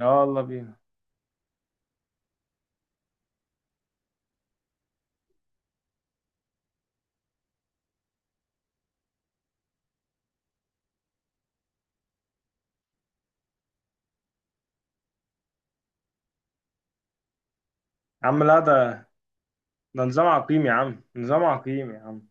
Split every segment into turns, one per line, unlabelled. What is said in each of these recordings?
اه، والله بينا. يا عم لا، ده نظام عقيم يا عم، نظام عقيم يا عم.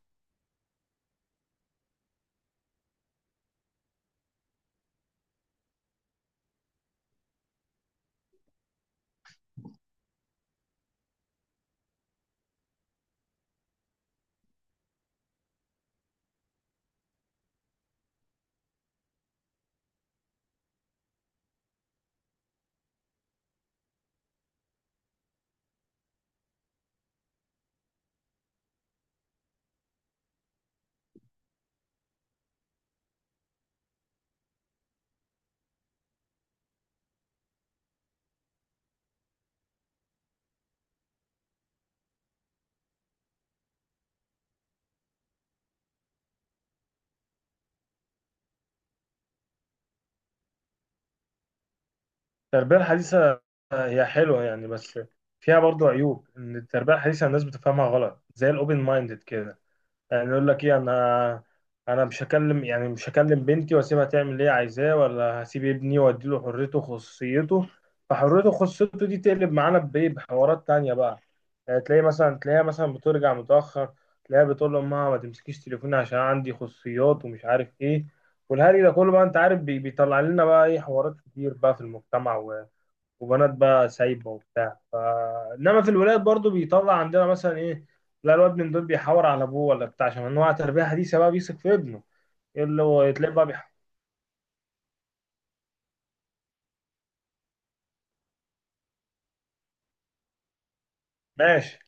التربية الحديثة هي حلوة يعني، بس فيها برضو عيوب، إن التربية الحديثة الناس بتفهمها غلط زي الأوبن مايندد كده. يعني يقول لك ايه، انا مش هكلم، بنتي واسيبها تعمل اللي هي عايزاه، ولا هسيب ابني واديله حريته وخصوصيته. فحريته وخصوصيته دي تقلب معانا بايه، بحوارات تانية بقى. يعني تلاقيها مثلا بترجع متأخر، تلاقيها بتقول لأمها ما تمسكيش تليفوني عشان عندي خصوصيات ومش عارف ايه. والهري ده كله بقى، انت عارف، بيطلع لنا بقى ايه، حوارات كتير بقى في المجتمع، وبنات بقى سايبه وبتاع. انما في الولاد برضو بيطلع عندنا مثلا ايه؟ لا الواد من دول بيحور على ابوه ولا بتاع، عشان انواع تربيه حديثه بقى بيثق في ابنه. إيه اللي هو يتلاقي بقى. ماشي،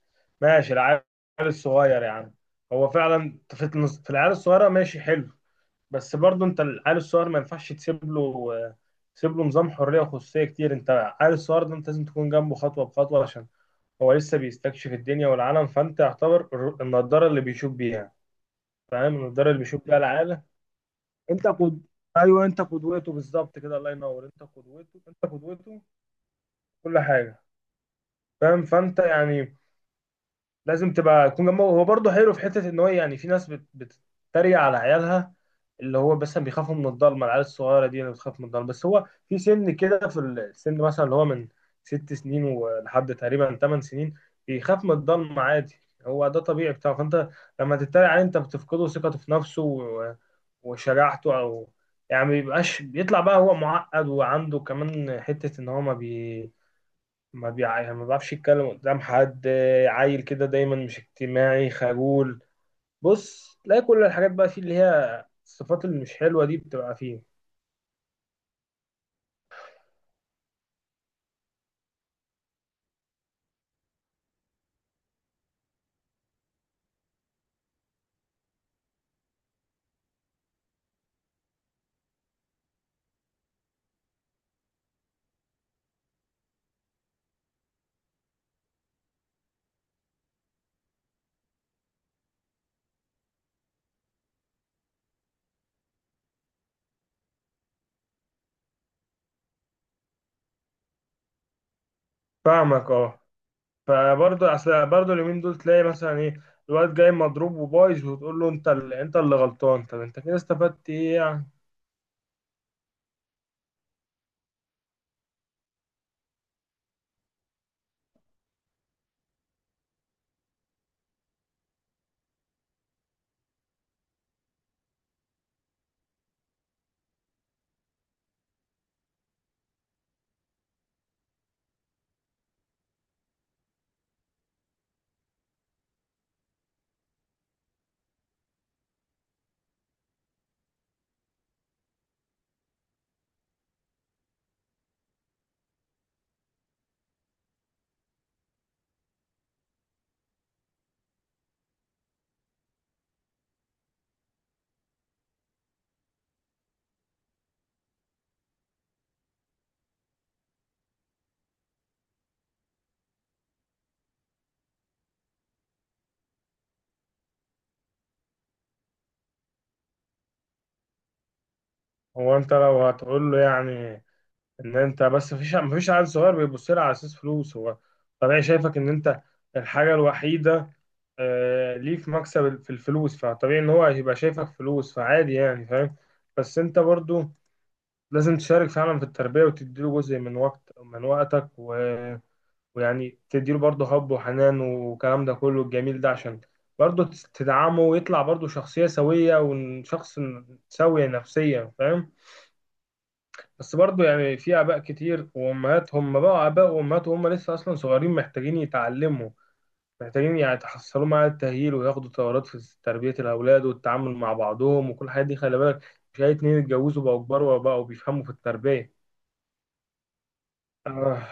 ماشي، العيال الصغير يا عم، هو فعلا في العيال الصغيره ماشي حلو. بس برضو انت العيال الصغير ما ينفعش تسيب له نظام حريه وخصوصيه كتير. انت العيال الصغير ده انت لازم تكون جنبه خطوه بخطوه، عشان هو لسه بيستكشف الدنيا والعالم، فانت يعتبر النضاره اللي بيشوف بيها. فاهم؟ النضاره اللي بيشوف بيها العالم. انت قد ايوه انت قدوته بالظبط كده، الله ينور، انت قدوته، انت قدوته في كل حاجه. فاهم؟ فانت يعني لازم تبقى تكون جنبه. هو برضه حلو في حته، ان هو يعني في ناس بتتريق على عيالها، اللي هو مثلا بيخافوا من الضلمه، العيال الصغيره دي اللي بتخاف من الضلمه. بس هو في سن كده، في السن مثلا اللي هو من 6 سنين ولحد تقريبا 8 سنين بيخاف من الضلمه عادي. هو ده طبيعي بتاعه. فانت لما تتريق عليه، انت بتفقده ثقته في نفسه وشجاعته، او يعني ما بيبقاش. بيطلع بقى هو معقد، وعنده كمان حته ان هو ما بي ما بيع... يعني ما بيعرفش يتكلم قدام حد. عيل كده دايما مش اجتماعي، خجول. بص تلاقي كل الحاجات بقى فيه، اللي هي الصفات اللي مش حلوة دي بتبقى فيه. فاهمك، اه. فبرضه اصل برضه اليومين دول تلاقي مثلا ايه، الواد جاي مضروب وبايظ، وتقول له انت اللي غلطان، طب انت كده استفدت ايه يعني؟ هو انت لو هتقول له، يعني ان انت، بس مفيش عيل صغير بيبص لها على اساس فلوس. هو طبيعي شايفك ان انت الحاجه الوحيده، ليه في مكسب في الفلوس، فطبيعي ان هو هيبقى شايفك فلوس، فعادي يعني، فاهم؟ بس انت برضو لازم تشارك فعلا في التربيه، وتديله جزء من وقتك. ويعني تديله برضو حب وحنان والكلام ده كله الجميل ده، عشان برضو تدعمه، ويطلع برضو شخصيه سويه، وشخص سوي نفسيا، فاهم؟ بس برضو يعني في آباء كتير وأمهات، هم بقوا آباء وأمهات وهم لسه أصلا صغيرين، محتاجين يتعلموا، محتاجين يعني يتحصلوا مع التأهيل، وياخدوا دورات في تربية الأولاد والتعامل مع بعضهم وكل الحاجات دي. خلي بالك، مش أي اتنين اتجوزوا بقوا كبار وبقوا بيفهموا في التربية. آه.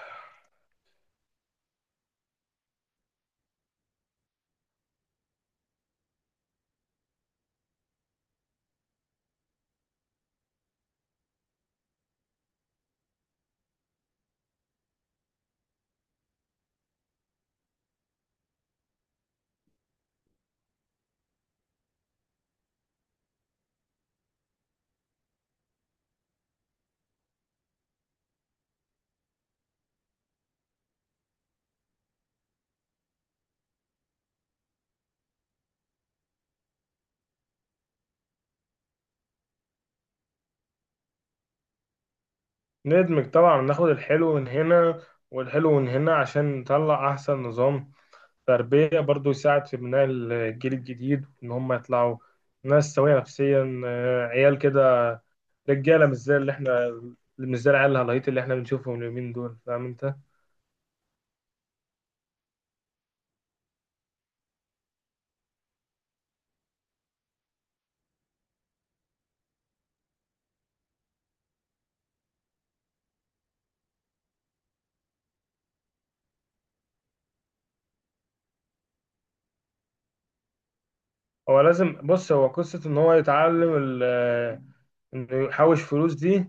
ندمج طبعا، ناخد الحلو من هنا والحلو من هنا عشان نطلع أحسن نظام تربية. برضو يساعد في بناء الجيل الجديد إن هم يطلعوا ناس سوية نفسيا، عيال كده رجاله، مش زي العيال الهلايط اللي احنا بنشوفهم اليومين دول. فاهم انت؟ هو لازم، بص، هو قصه ان هو يتعلم انه يحوش فلوس دي،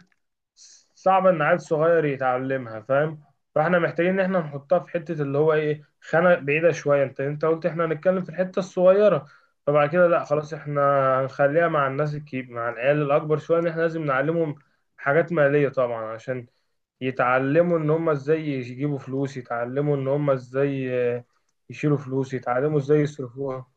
صعبه ان عيل صغير يتعلمها. فاهم؟ فاحنا محتاجين ان احنا نحطها في حته، اللي هو ايه، خانه بعيده شويه. انت قلت احنا هنتكلم في الحته الصغيره. فبعد كده لا، خلاص احنا هنخليها مع الناس الكبير مع العيال الاكبر شويه، ان احنا لازم نعلمهم حاجات ماليه طبعا، عشان يتعلموا ان هم ازاي يجيبوا فلوس، يتعلموا ان هم ازاي آه، يشيلوا فلوس، يتعلموا ازاي يصرفوها.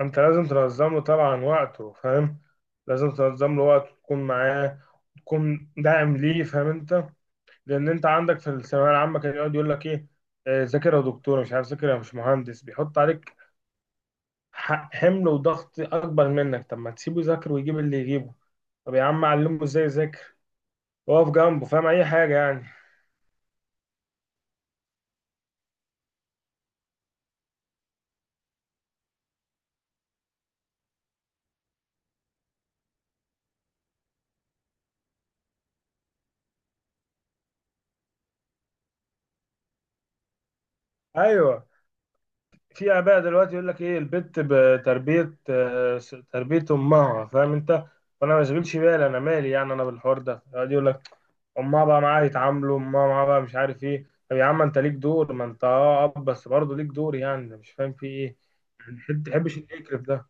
انت لازم تنظم له طبعا وقته، فاهم؟ لازم تنظم له وقته، تكون معاه، تكون داعم ليه، فاهم انت؟ لان انت عندك في الثانويه العامه كان يقعد يقول لك ايه، ذاكر يا دكتور، مش عارف، ذاكر يا، مش مهندس. بيحط عليك حمل وضغط اكبر منك. طب ما تسيبه يذاكر ويجيب اللي يجيبه، طب يا عم علمه ازاي يذاكر، واقف جنبه. فاهم اي حاجه يعني؟ ايوه، في اباء دلوقتي يقول لك ايه، البت بتربيه، تربيه امها، فاهم انت؟ فانا ما بشغلش بالي، انا مالي، يعني انا بالحوار ده، يقعد يقول لك امها بقى معاها يتعاملوا، امها معاها بقى، مش عارف ايه. طب يا عم انت ليك دور، ما انت اب، بس برضه ليك دور، يعني أنا مش فاهم في ايه. يعني ما تحبش اللي يكرف ده.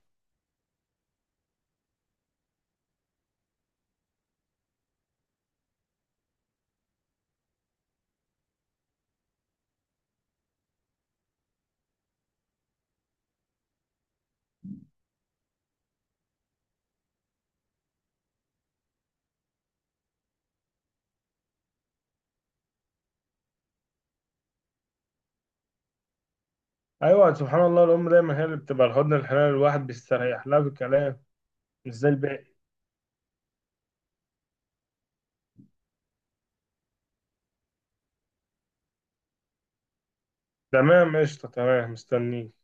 ايوه، سبحان الله، الام دايما هي اللي بتبقى الحضن الحنان، الواحد بيستريح لها في الكلام. مش زي الباقي. تمام، قشطه، تمام، مستنيك.